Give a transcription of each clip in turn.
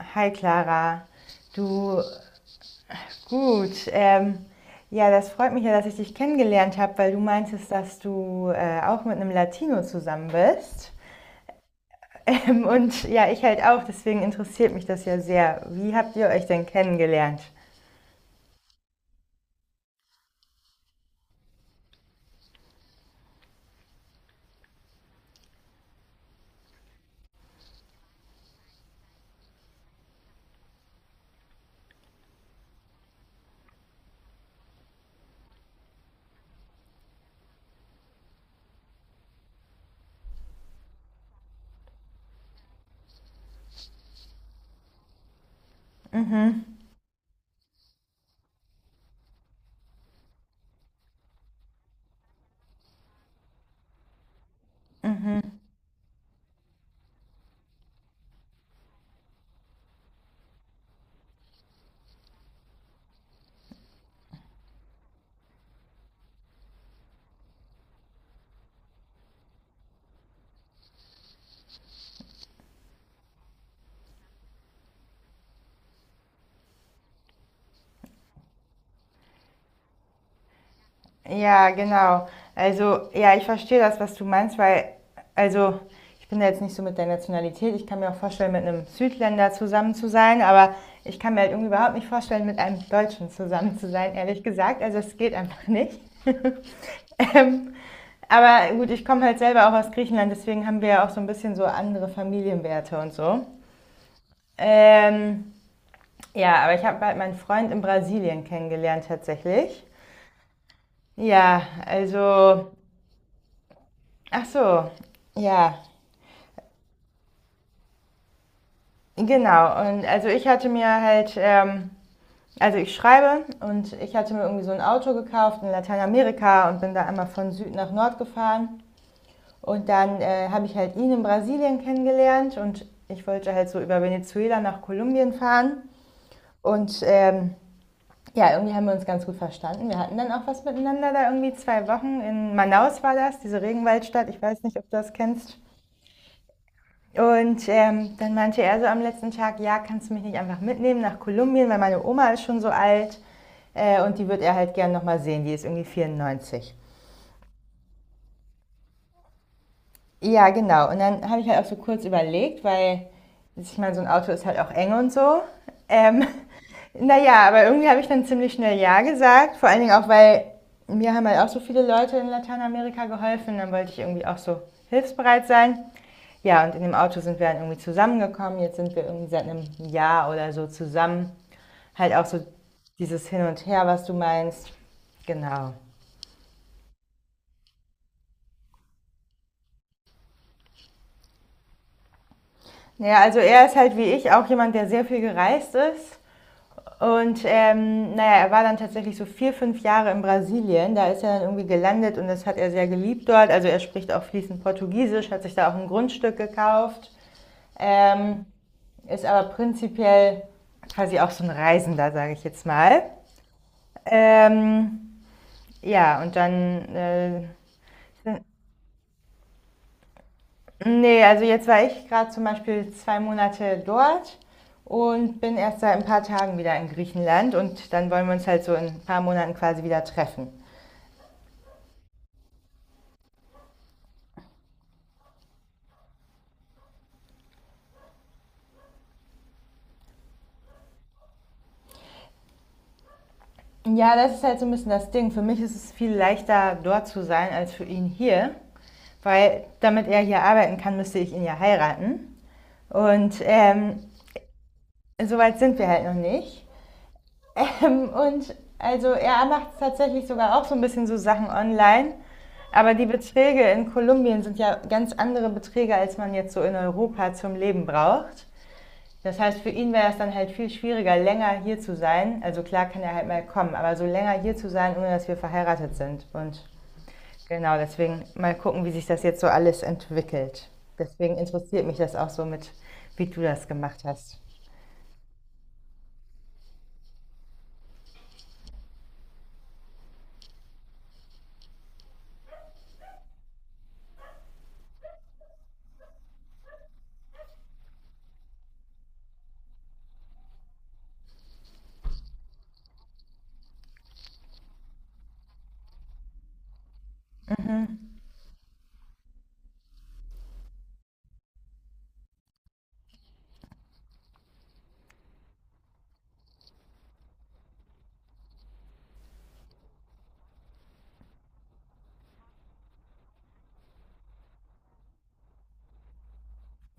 Hi Clara, du. Gut. Ja, das freut mich ja, dass ich dich kennengelernt habe, weil du meintest, dass du auch mit einem Latino zusammen bist. Und ja, ich halt auch, deswegen interessiert mich das ja sehr. Wie habt ihr euch denn kennengelernt? Ja, genau. Also, ja, ich verstehe das, was du meinst, weil, also, ich bin da jetzt nicht so mit der Nationalität. Ich kann mir auch vorstellen, mit einem Südländer zusammen zu sein, aber ich kann mir halt irgendwie überhaupt nicht vorstellen, mit einem Deutschen zusammen zu sein, ehrlich gesagt. Also, es geht einfach nicht. ähm, aber gut, ich komme halt selber auch aus Griechenland, deswegen haben wir ja auch so ein bisschen so andere Familienwerte und so. Ähm, ja, aber ich habe halt meinen Freund in Brasilien kennengelernt tatsächlich. Ja, also. Ach so, ja, genau. Und also ich hatte mir halt, also ich schreibe und ich hatte mir irgendwie so ein Auto gekauft in Lateinamerika und bin da einmal von Süd nach Nord gefahren. Und dann habe ich halt ihn in Brasilien kennengelernt und ich wollte halt so über Venezuela nach Kolumbien fahren. Und ja, irgendwie haben wir uns ganz gut verstanden. Wir hatten dann auch was miteinander da irgendwie 2 Wochen. In Manaus war das, diese Regenwaldstadt. Ich weiß nicht, ob du das kennst. Und dann meinte er so am letzten Tag, ja, kannst du mich nicht einfach mitnehmen nach Kolumbien, weil meine Oma ist schon so alt und die wird er halt gern nochmal sehen, die ist irgendwie 94. Ja, genau. Und dann habe ich halt auch so kurz überlegt, weil ich meine, so ein Auto ist halt auch eng und so. Ähm, naja, aber irgendwie habe ich dann ziemlich schnell Ja gesagt. Vor allen Dingen auch, weil mir haben halt auch so viele Leute in Lateinamerika geholfen. Dann wollte ich irgendwie auch so hilfsbereit sein. Ja, und in dem Auto sind wir dann irgendwie zusammengekommen. Jetzt sind wir irgendwie seit einem Jahr oder so zusammen. Halt auch so dieses Hin und Her, was du meinst. Genau. Naja, also er ist halt wie ich auch jemand, der sehr viel gereist ist. Und naja, er war dann tatsächlich so 4, 5 Jahre in Brasilien. Da ist er dann irgendwie gelandet und das hat er sehr geliebt dort. Also er spricht auch fließend Portugiesisch, hat sich da auch ein Grundstück gekauft, ähm, ist aber prinzipiell quasi auch so ein Reisender, sage ich jetzt mal. Ähm, ja, und dann, nee, also jetzt war ich gerade zum Beispiel 2 Monate dort und bin erst seit ein paar Tagen wieder in Griechenland und dann wollen wir uns halt so in ein paar Monaten quasi wieder treffen. Ja, das ist halt so ein bisschen das Ding. Für mich ist es viel leichter, dort zu sein, als für ihn hier. Weil damit er hier arbeiten kann, müsste ich ihn ja heiraten. Und so weit sind wir halt noch nicht. Und also er macht tatsächlich sogar auch so ein bisschen so Sachen online. Aber die Beträge in Kolumbien sind ja ganz andere Beträge, als man jetzt so in Europa zum Leben braucht. Das heißt, für ihn wäre es dann halt viel schwieriger, länger hier zu sein. Also klar kann er halt mal kommen, aber so länger hier zu sein, ohne dass wir verheiratet sind. Und genau, deswegen mal gucken, wie sich das jetzt so alles entwickelt. Deswegen interessiert mich das auch so mit, wie du das gemacht hast.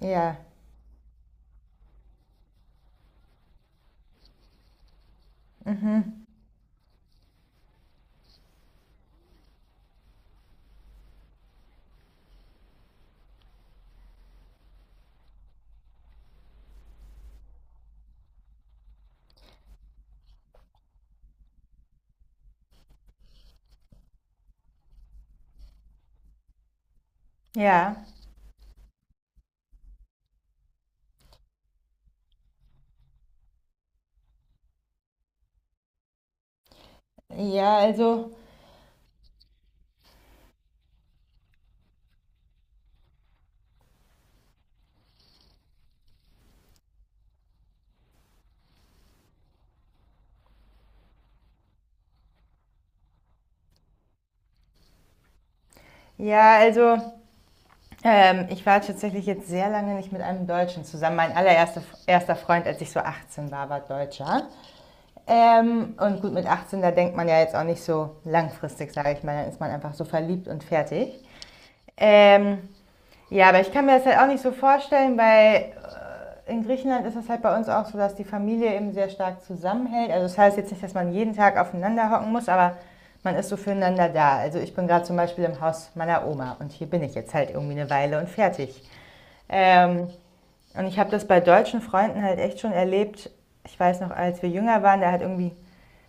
Ja, ja, ja, also, ja, also, ich war tatsächlich jetzt sehr lange nicht mit einem Deutschen zusammen. Mein allererster erster Freund, als ich so 18 war, war Deutscher. Und gut, mit 18, da denkt man ja jetzt auch nicht so langfristig, sage ich mal. Dann ist man einfach so verliebt und fertig. Ähm, ja, aber ich kann mir das halt auch nicht so vorstellen, weil in Griechenland ist es halt bei uns auch so, dass die Familie eben sehr stark zusammenhält. Also das heißt jetzt nicht, dass man jeden Tag aufeinander hocken muss, aber man ist so füreinander da. Also ich bin gerade zum Beispiel im Haus meiner Oma und hier bin ich jetzt halt irgendwie eine Weile und fertig. Ähm, und ich habe das bei deutschen Freunden halt echt schon erlebt. Ich weiß noch, als wir jünger waren, da hat irgendwie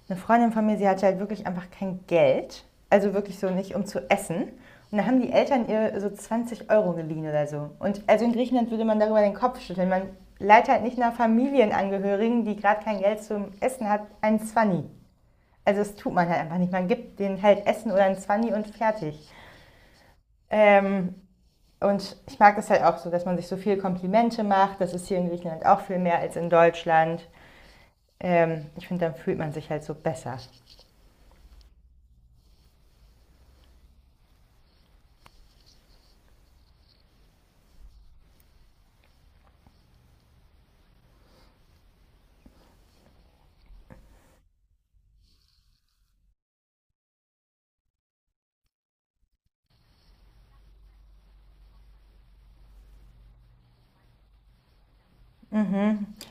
eine Freundin von mir, sie hatte halt wirklich einfach kein Geld, also wirklich so nicht, um zu essen. Und da haben die Eltern ihr so 20 € geliehen oder so. Und also in Griechenland würde man darüber den Kopf schütteln. Man leiht halt nicht nach Familienangehörigen, die gerade kein Geld zum Essen hat, einen Zwanni. Also das tut man halt einfach nicht. Man gibt denen halt Essen oder einen Zwanni und fertig. Ähm, und ich mag es halt auch so, dass man sich so viel Komplimente macht. Das ist hier in Griechenland auch viel mehr als in Deutschland. Ich finde, dann fühlt man sich halt so besser.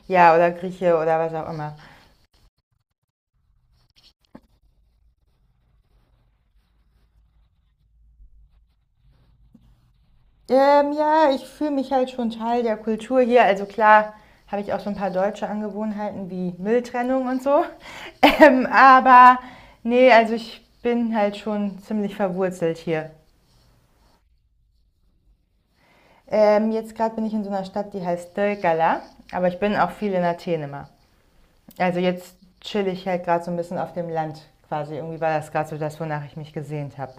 Ja, oder Grieche oder was auch immer. Ja, ich fühle mich halt schon Teil der Kultur hier. Also klar habe ich auch so ein paar deutsche Angewohnheiten wie Mülltrennung und so. Aber nee, also ich bin halt schon ziemlich verwurzelt hier. Jetzt gerade bin ich in so einer Stadt, die heißt Dölgala, aber ich bin auch viel in Athen immer. Also jetzt chill ich halt gerade so ein bisschen auf dem Land quasi. Irgendwie war das gerade so das, wonach ich mich gesehnt habe.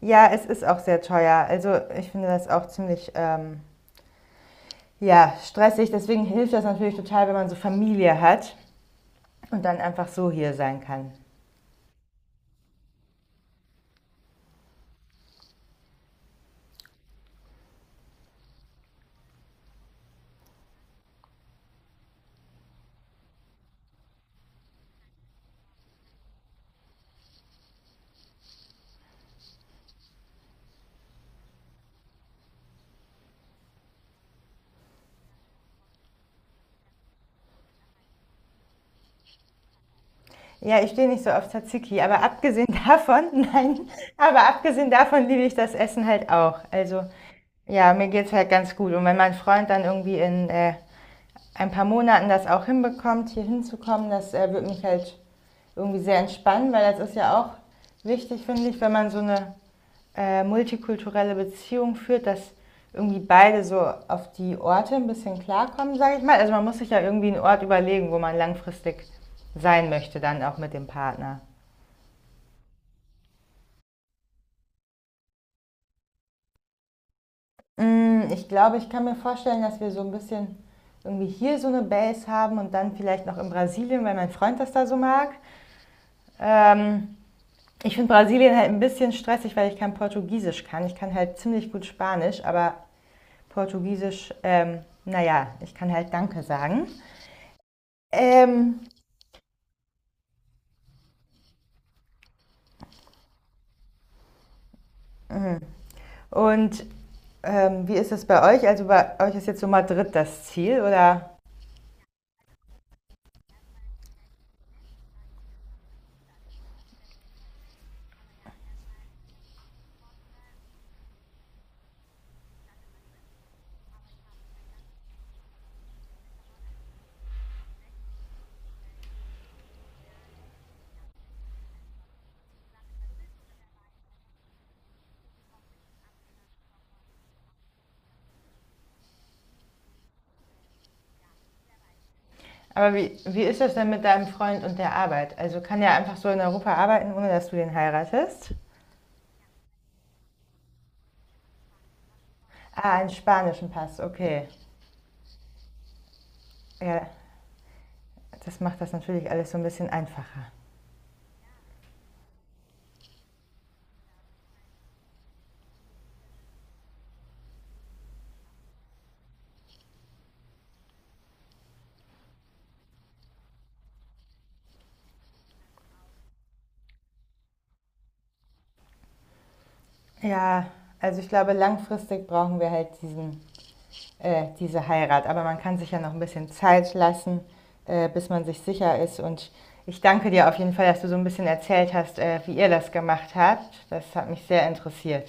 Ja, es ist auch sehr teuer. Also ich finde das auch ziemlich ja, stressig. Deswegen hilft das natürlich total, wenn man so Familie hat und dann einfach so hier sein kann. Ja, ich stehe nicht so auf Tzatziki, aber abgesehen davon, nein, aber abgesehen davon liebe ich das Essen halt auch. Also ja, mir geht's halt ganz gut. Und wenn mein Freund dann irgendwie in ein paar Monaten das auch hinbekommt, hier hinzukommen, das wird mich halt irgendwie sehr entspannen, weil das ist ja auch wichtig, finde ich, wenn man so eine multikulturelle Beziehung führt, dass irgendwie beide so auf die Orte ein bisschen klarkommen, sage ich mal. Also man muss sich ja irgendwie einen Ort überlegen, wo man langfristig sein möchte, dann auch mit dem Partner. Ich glaube, ich kann mir vorstellen, dass wir so ein bisschen irgendwie hier so eine Base haben und dann vielleicht noch in Brasilien, weil mein Freund das da so mag. Ähm, Ich finde Brasilien halt ein bisschen stressig, weil ich kein Portugiesisch kann. Ich kann halt ziemlich gut Spanisch, aber Portugiesisch, naja, ich kann halt Danke sagen. Ähm, und wie ist das bei euch? Also bei euch ist jetzt so Madrid das Ziel, oder? Aber wie ist das denn mit deinem Freund und der Arbeit? Also kann er einfach so in Europa arbeiten, ohne dass du den heiratest? Ah, einen spanischen Pass, okay. Ja, das macht das natürlich alles so ein bisschen einfacher. Ja, also ich glaube, langfristig brauchen wir halt diesen diese Heirat. Aber man kann sich ja noch ein bisschen Zeit lassen, bis man sich sicher ist. Und ich danke dir auf jeden Fall, dass du so ein bisschen erzählt hast, wie ihr das gemacht habt. Das hat mich sehr interessiert.